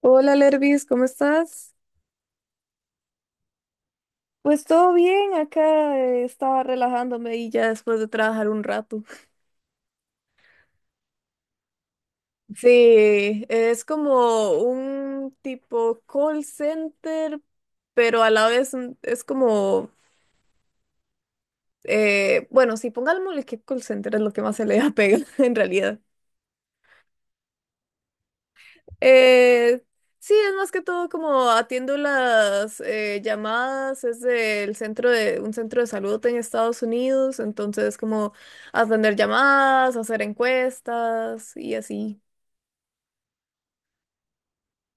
Hola, Lervis, ¿cómo estás? Pues todo bien, acá estaba relajándome y ya después de trabajar un rato. Sí, es como un tipo call center, pero a la vez es como, bueno, sí, pongámosle que call center es lo que más se le apega en realidad. Eh, sí, es más que todo como atiendo las llamadas, es del centro de un centro de salud en Estados Unidos, entonces como atender llamadas, hacer encuestas y así.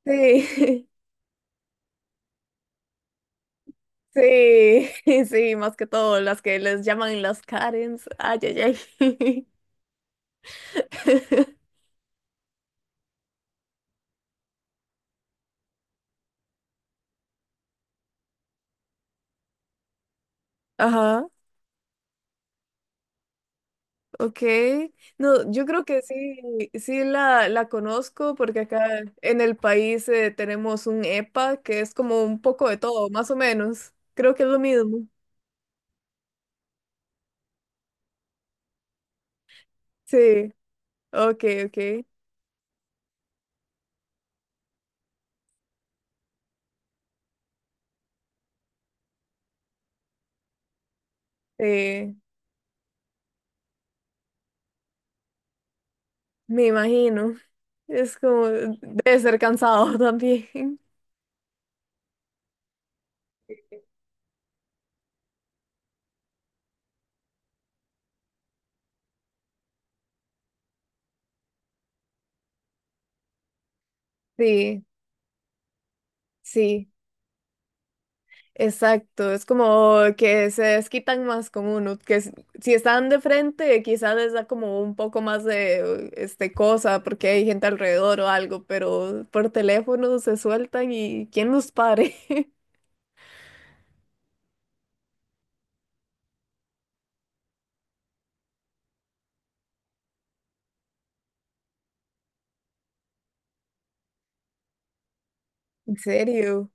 Sí, sí, sí, más que todo las que les llaman las Karens. Ay, ay, ay. Ajá. Ok, no, yo creo que sí, sí la conozco porque acá en el país tenemos un EPA que es como un poco de todo, más o menos. Creo que es lo mismo. Sí, ok, ok. eh, Me imagino. Es como, debe ser cansado también. Sí, sí. Exacto, es como que se desquitan más con uno, si están de frente quizás les da como un poco más de este cosa porque hay gente alrededor o algo, pero por teléfono se sueltan y ¿quién los pare? ¿En serio?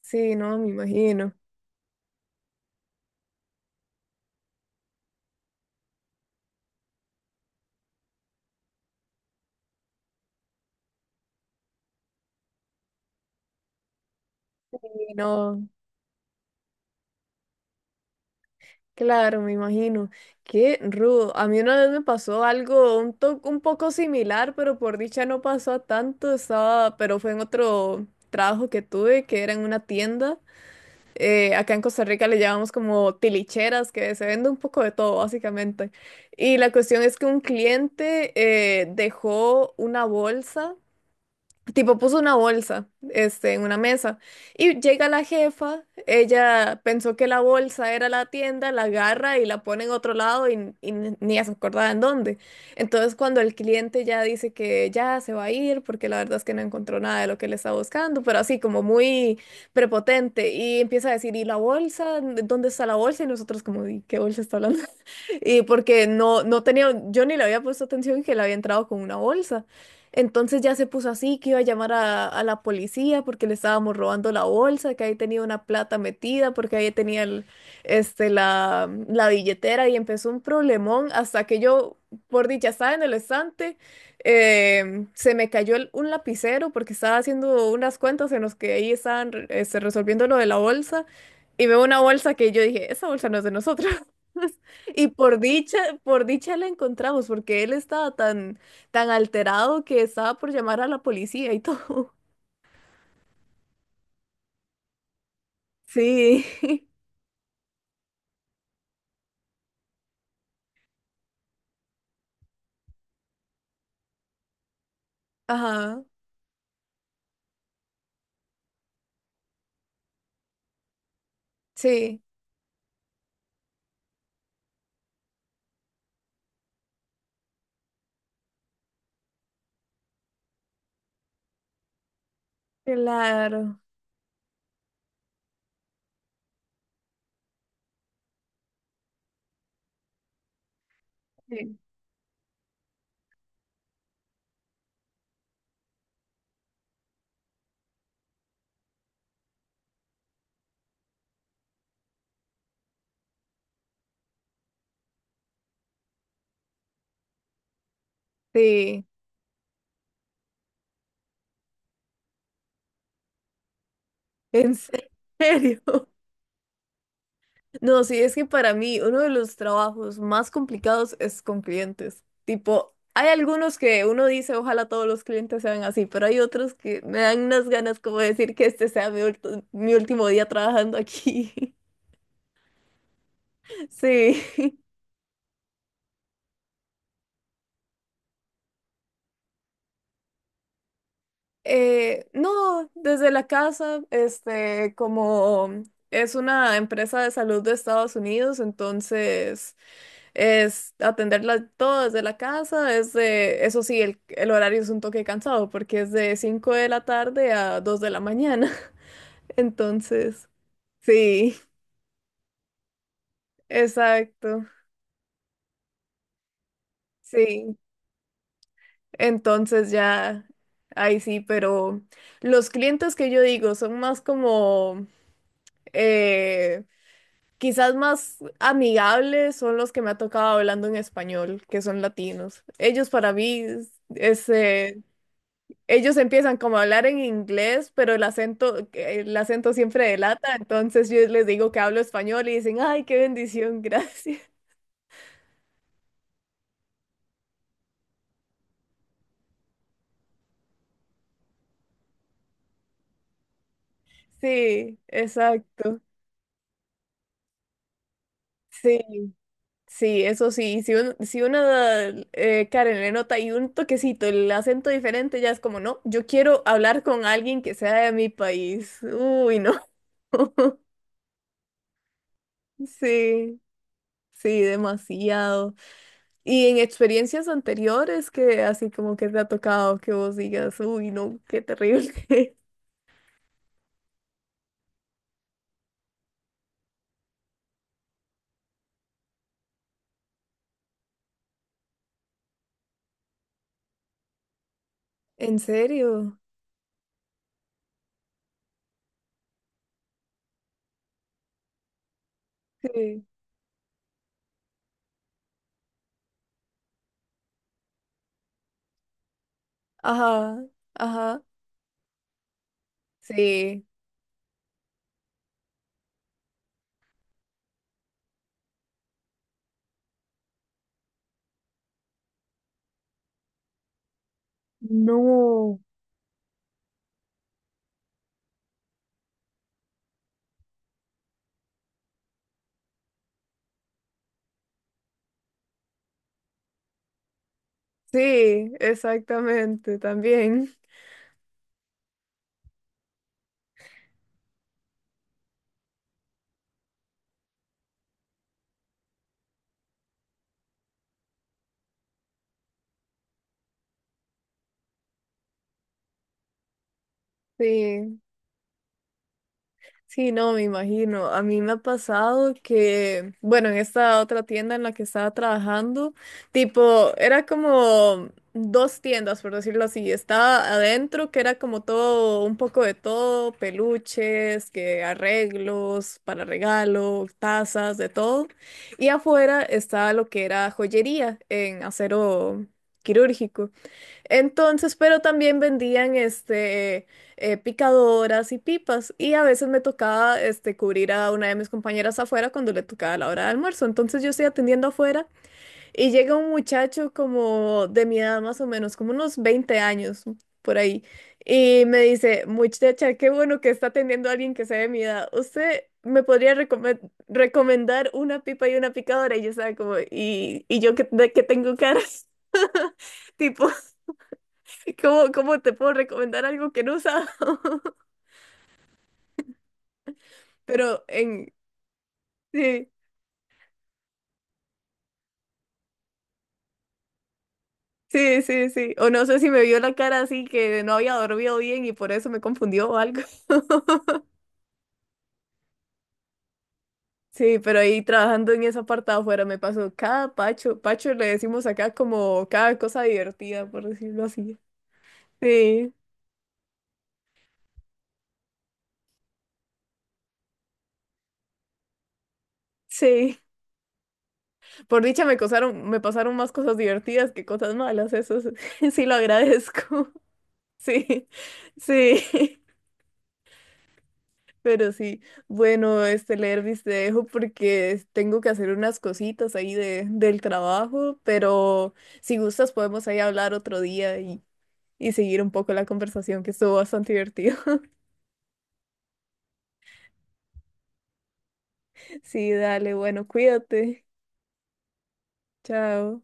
Sí, no, me imagino. Sí, no, claro, me imagino. Qué rudo. A mí una vez me pasó algo un poco similar, pero por dicha no pasó a tanto, estaba, pero fue en otro trabajo que tuve que era en una tienda. Acá en Costa Rica le llamamos como tilicheras, que se vende un poco de todo, básicamente. Y la cuestión es que un cliente dejó una bolsa. Tipo, puso una bolsa, este, en una mesa. Y llega la jefa, ella pensó que la bolsa era la tienda, la agarra y la pone en otro lado y ni ella se acordaba en dónde. Entonces, cuando el cliente ya dice que ya se va a ir, porque la verdad es que no encontró nada de lo que le estaba buscando, pero así como muy prepotente, y empieza a decir, ¿y la bolsa? ¿Dónde está la bolsa? Y nosotros como, "¿Y qué bolsa está hablando?" Y porque no tenía, yo ni le había puesto atención que le había entrado con una bolsa. Entonces ya se puso así, que iba a llamar a la policía porque le estábamos robando la bolsa, que ahí tenía una plata metida, porque ahí tenía este, la billetera y empezó un problemón hasta que yo, por dicha, estaba en el estante, se me cayó un lapicero porque estaba haciendo unas cuentas en los que ahí estaban este, resolviendo lo de la bolsa y veo una bolsa que yo dije, esa bolsa no es de nosotros. Y por dicha la encontramos, porque él estaba tan, tan alterado que estaba por llamar a la policía y todo. Sí, ajá, sí, claro, sí, sí, en serio. No, sí, es que para mí uno de los trabajos más complicados es con clientes. Tipo, hay algunos que uno dice, ojalá todos los clientes sean así, pero hay otros que me dan unas ganas como de decir que este sea mi último día trabajando aquí. Sí. No, desde la casa, este, como es una empresa de salud de Estados Unidos, entonces es atenderla todo desde la casa, es de, eso sí, el horario es un toque cansado porque es de 5 de la tarde a 2 de la mañana, entonces, sí, exacto, sí, entonces ya, ahí sí, pero los clientes que yo digo son más como... eh, Quizás más amigables son los que me ha tocado hablando en español, que son latinos. Ellos para mí, es, ellos empiezan como a hablar en inglés, pero el acento, que el acento siempre delata, entonces yo les digo que hablo español y dicen, ay, qué bendición, gracias. Sí, exacto. Sí, sí, eso sí. Si, si una Karen le nota y un toquecito, el acento diferente, ya es como, no, yo quiero hablar con alguien que sea de mi país. Uy, no. Sí, sí, demasiado. Y en experiencias anteriores que así como que te ha tocado que vos digas, uy, no, qué terrible. ¿En serio? Sí. Ajá, ajá. Sí. No. Sí, exactamente, también. Sí. Sí, no, me imagino. A mí me ha pasado que, bueno, en esta otra tienda en la que estaba trabajando, tipo, era como dos tiendas, por decirlo así. Estaba adentro, que era como todo, un poco de todo, peluches, que arreglos para regalo, tazas, de todo. Y afuera estaba lo que era joyería en acero quirúrgico. Entonces, pero también vendían este picadoras y pipas y a veces me tocaba este cubrir a una de mis compañeras afuera cuando le tocaba la hora de almuerzo. Entonces yo estoy atendiendo afuera y llega un muchacho como de mi edad más o menos, como unos 20 años por ahí y me dice, "Muchacha, qué bueno que está atendiendo a alguien que sea de mi edad. ¿Usted me podría recomendar una pipa y una picadora?" Y yo estaba como, "¿Y, y yo qué, de qué tengo caras?" Tipo ¿Cómo, cómo te puedo recomendar algo que no he usado? Pero en... Sí, sí, sí, sí. O no sé si me vio la cara así que no había dormido bien y por eso me confundió o algo. Sí, pero ahí trabajando en esa parte de afuera me pasó cada pacho. Pacho le decimos acá como cada cosa divertida, por decirlo así. Sí, sí. Por dicha me pasaron más cosas divertidas que cosas malas. Eso sí sí lo agradezco. Sí, sí. Pero sí, bueno, este Lervis te dejo porque tengo que hacer unas cositas ahí de, del trabajo, pero si gustas podemos ahí hablar otro día y seguir un poco la conversación que estuvo bastante divertido. Sí, dale, bueno, cuídate. Chao.